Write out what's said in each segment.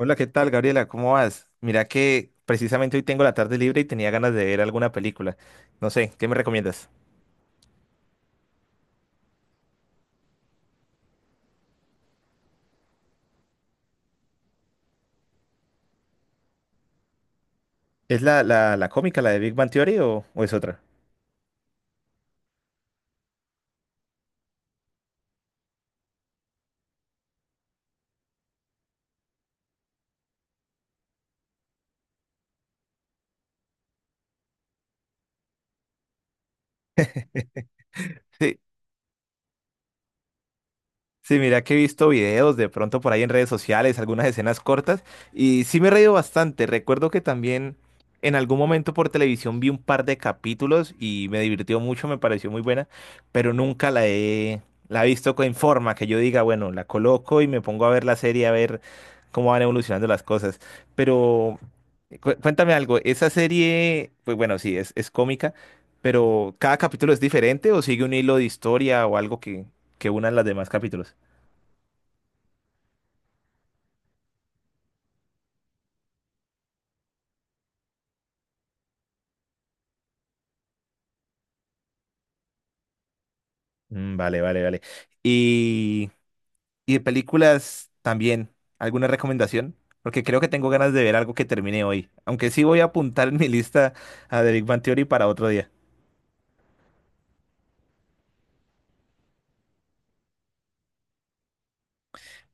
Hola, ¿qué tal, Gabriela? ¿Cómo vas? Mira que precisamente hoy tengo la tarde libre y tenía ganas de ver alguna película. No sé, ¿qué me recomiendas? ¿Es la cómica, la de Big Bang Theory o es otra? Sí, mira que he visto videos de pronto por ahí en redes sociales, algunas escenas cortas, y sí me he reído bastante. Recuerdo que también en algún momento por televisión vi un par de capítulos y me divirtió mucho, me pareció muy buena, pero nunca la he, la he visto en forma que yo diga, bueno, la coloco y me pongo a ver la serie, a ver cómo van evolucionando las cosas. Pero cuéntame algo, esa serie, pues bueno, sí, es cómica, pero ¿cada capítulo es diferente o sigue un hilo de historia o algo que una las demás capítulos? Mm, vale, vale, vale. Y, y de películas también, ¿alguna recomendación? Porque creo que tengo ganas de ver algo que termine hoy. Aunque sí voy a apuntar en mi lista a The Big Bang Theory para otro día.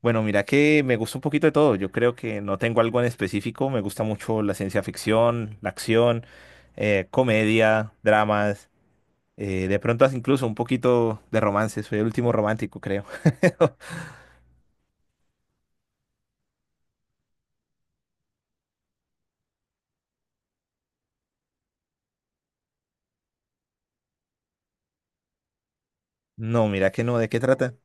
Bueno, mira que me gusta un poquito de todo. Yo creo que no tengo algo en específico. Me gusta mucho la ciencia ficción, la acción, comedia, dramas. De pronto hasta incluso un poquito de romance. Soy el último romántico, creo. No, mira que no. ¿De qué trata?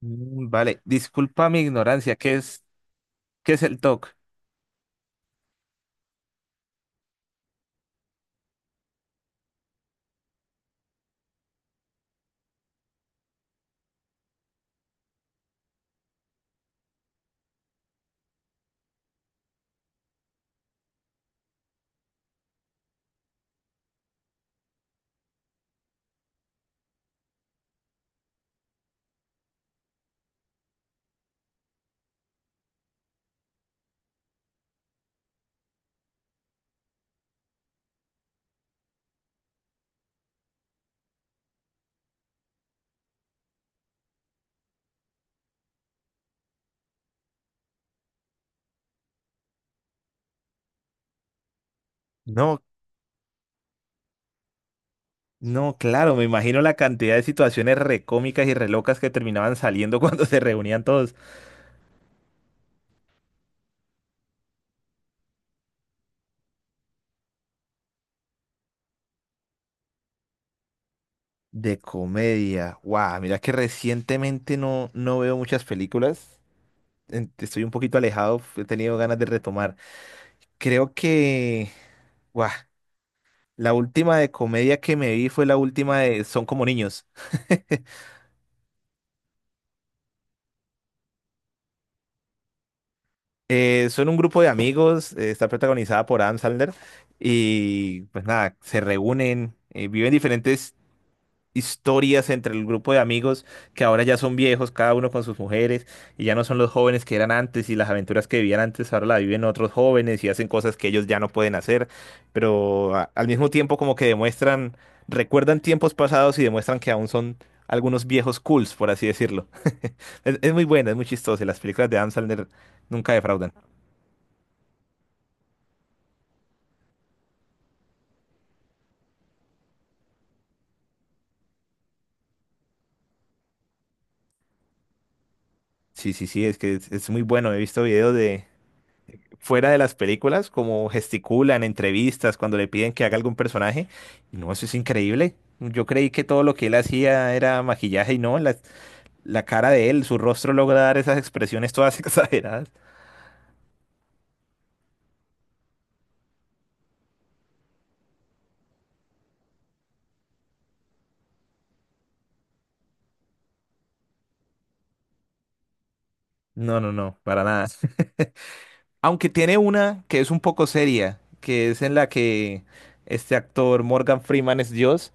Mm, vale, disculpa mi ignorancia. ¿Qué es? ¿Qué es el TOC? No, no, claro, me imagino la cantidad de situaciones recómicas y relocas que terminaban saliendo cuando se reunían todos. De comedia. Guau, mira que recientemente no veo muchas películas. Estoy un poquito alejado, he tenido ganas de retomar. Creo que, guau, la última de comedia que me vi fue la última de Son como niños. Son un grupo de amigos, está protagonizada por Adam Sandler y pues nada, se reúnen, viven diferentes historias entre el grupo de amigos que ahora ya son viejos, cada uno con sus mujeres, y ya no son los jóvenes que eran antes, y las aventuras que vivían antes ahora la viven otros jóvenes y hacen cosas que ellos ya no pueden hacer, pero al mismo tiempo como que demuestran, recuerdan tiempos pasados y demuestran que aún son algunos viejos cools, por así decirlo. Es muy buena, es muy chistosa, y las películas de Adam Sandler nunca defraudan. Sí, sí, sí, es que es muy bueno, he visto videos de fuera de las películas, como gesticulan, en entrevistas, cuando le piden que haga algún personaje. Y no, eso es increíble. Yo creí que todo lo que él hacía era maquillaje y no, la cara de él, su rostro logra dar esas expresiones todas exageradas. No, no, no, para nada. Aunque tiene una que es un poco seria, que es en la que este actor Morgan Freeman es Dios.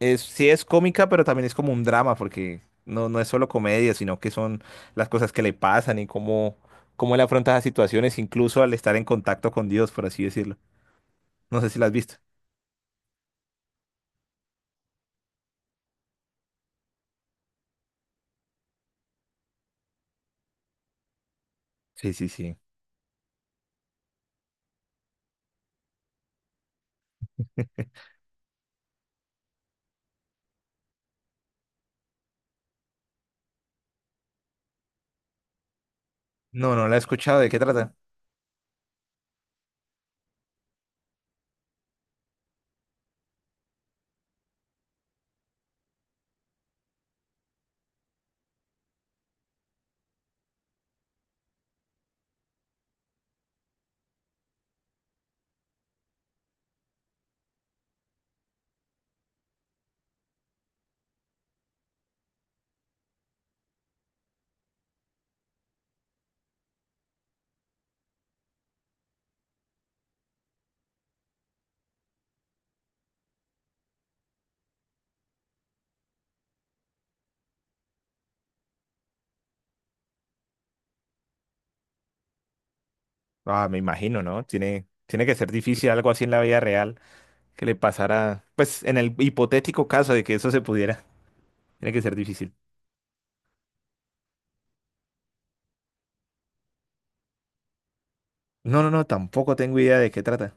Es, sí es cómica, pero también es como un drama, porque no es solo comedia, sino que son las cosas que le pasan y cómo él afronta las situaciones, incluso al estar en contacto con Dios, por así decirlo. No sé si la has visto. Sí, sí, sí. No, no la he escuchado. ¿De qué trata? Ah, me imagino, ¿no? Tiene que ser difícil algo así en la vida real que le pasara, pues en el hipotético caso de que eso se pudiera. Tiene que ser difícil. No, no, no, tampoco tengo idea de qué trata.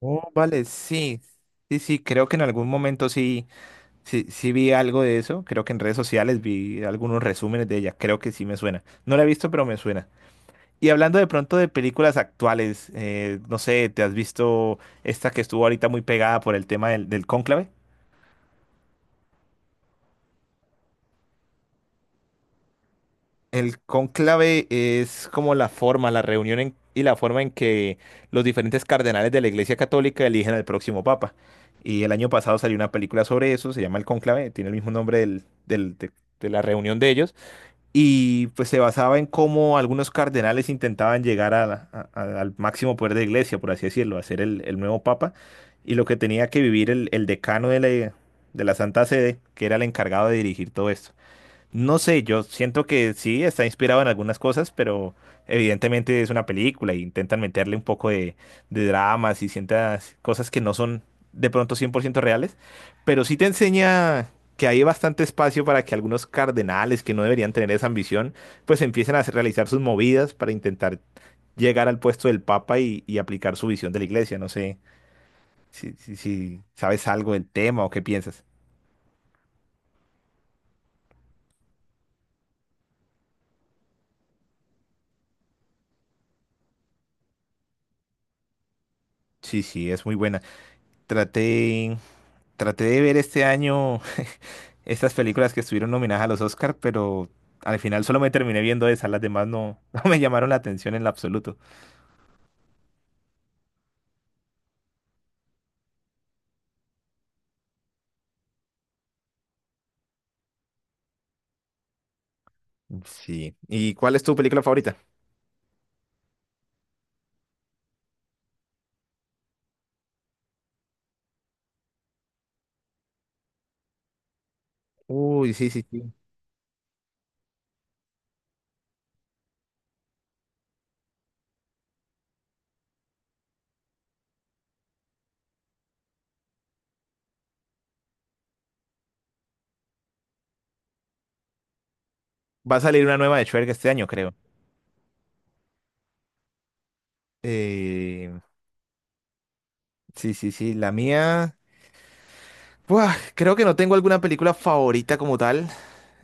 Oh, vale, sí. Sí, sí, creo que en algún momento sí. Sí, sí vi algo de eso, creo que en redes sociales vi algunos resúmenes de ella, creo que sí me suena. No la he visto, pero me suena. Y hablando de pronto de películas actuales, no sé, ¿te has visto esta que estuvo ahorita muy pegada por el tema del cónclave? El cónclave es como la forma, y la forma en que los diferentes cardenales de la Iglesia Católica eligen al próximo papa. Y el año pasado salió una película sobre eso, se llama El Cónclave, tiene el mismo nombre de de la reunión de ellos. Y pues se basaba en cómo algunos cardenales intentaban llegar a al máximo poder de la iglesia, por así decirlo, a ser el nuevo papa, y lo que tenía que vivir el decano de la Santa Sede, que era el encargado de dirigir todo esto. No sé, yo siento que sí, está inspirado en algunas cosas, pero evidentemente es una película e intentan meterle un poco de dramas y ciertas cosas que no son de pronto 100% reales, pero sí te enseña que hay bastante espacio para que algunos cardenales que no deberían tener esa ambición, pues empiecen a realizar sus movidas para intentar llegar al puesto del Papa y aplicar su visión de la iglesia. No sé si si sabes algo del tema o qué piensas. Sí, sí, es muy buena. Traté Traté de ver este año estas películas que estuvieron nominadas a los Oscar, pero al final solo me terminé viendo esas, las demás no, no me llamaron la atención en lo absoluto. Sí. ¿Y cuál es tu película favorita? Uy, sí, sí, sí. Va a salir una nueva de Shrek este año, creo. Eh, sí, sí, sí, la mía. Buah, creo que no tengo alguna película favorita como tal.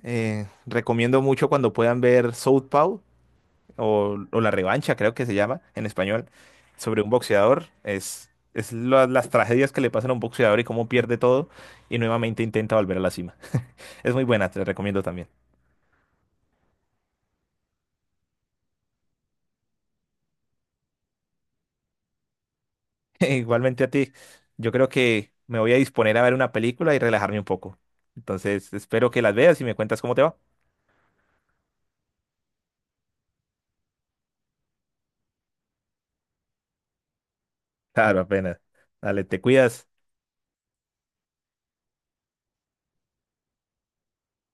Recomiendo mucho cuando puedan ver Southpaw. O La Revancha, creo que se llama en español, sobre un boxeador. Es las tragedias que le pasan a un boxeador y cómo pierde todo y nuevamente intenta volver a la cima. Es muy buena, te la recomiendo también. Igualmente a ti, yo creo que me voy a disponer a ver una película y relajarme un poco. Entonces, espero que las veas y me cuentas cómo te va. Claro, apenas. Dale, te cuidas.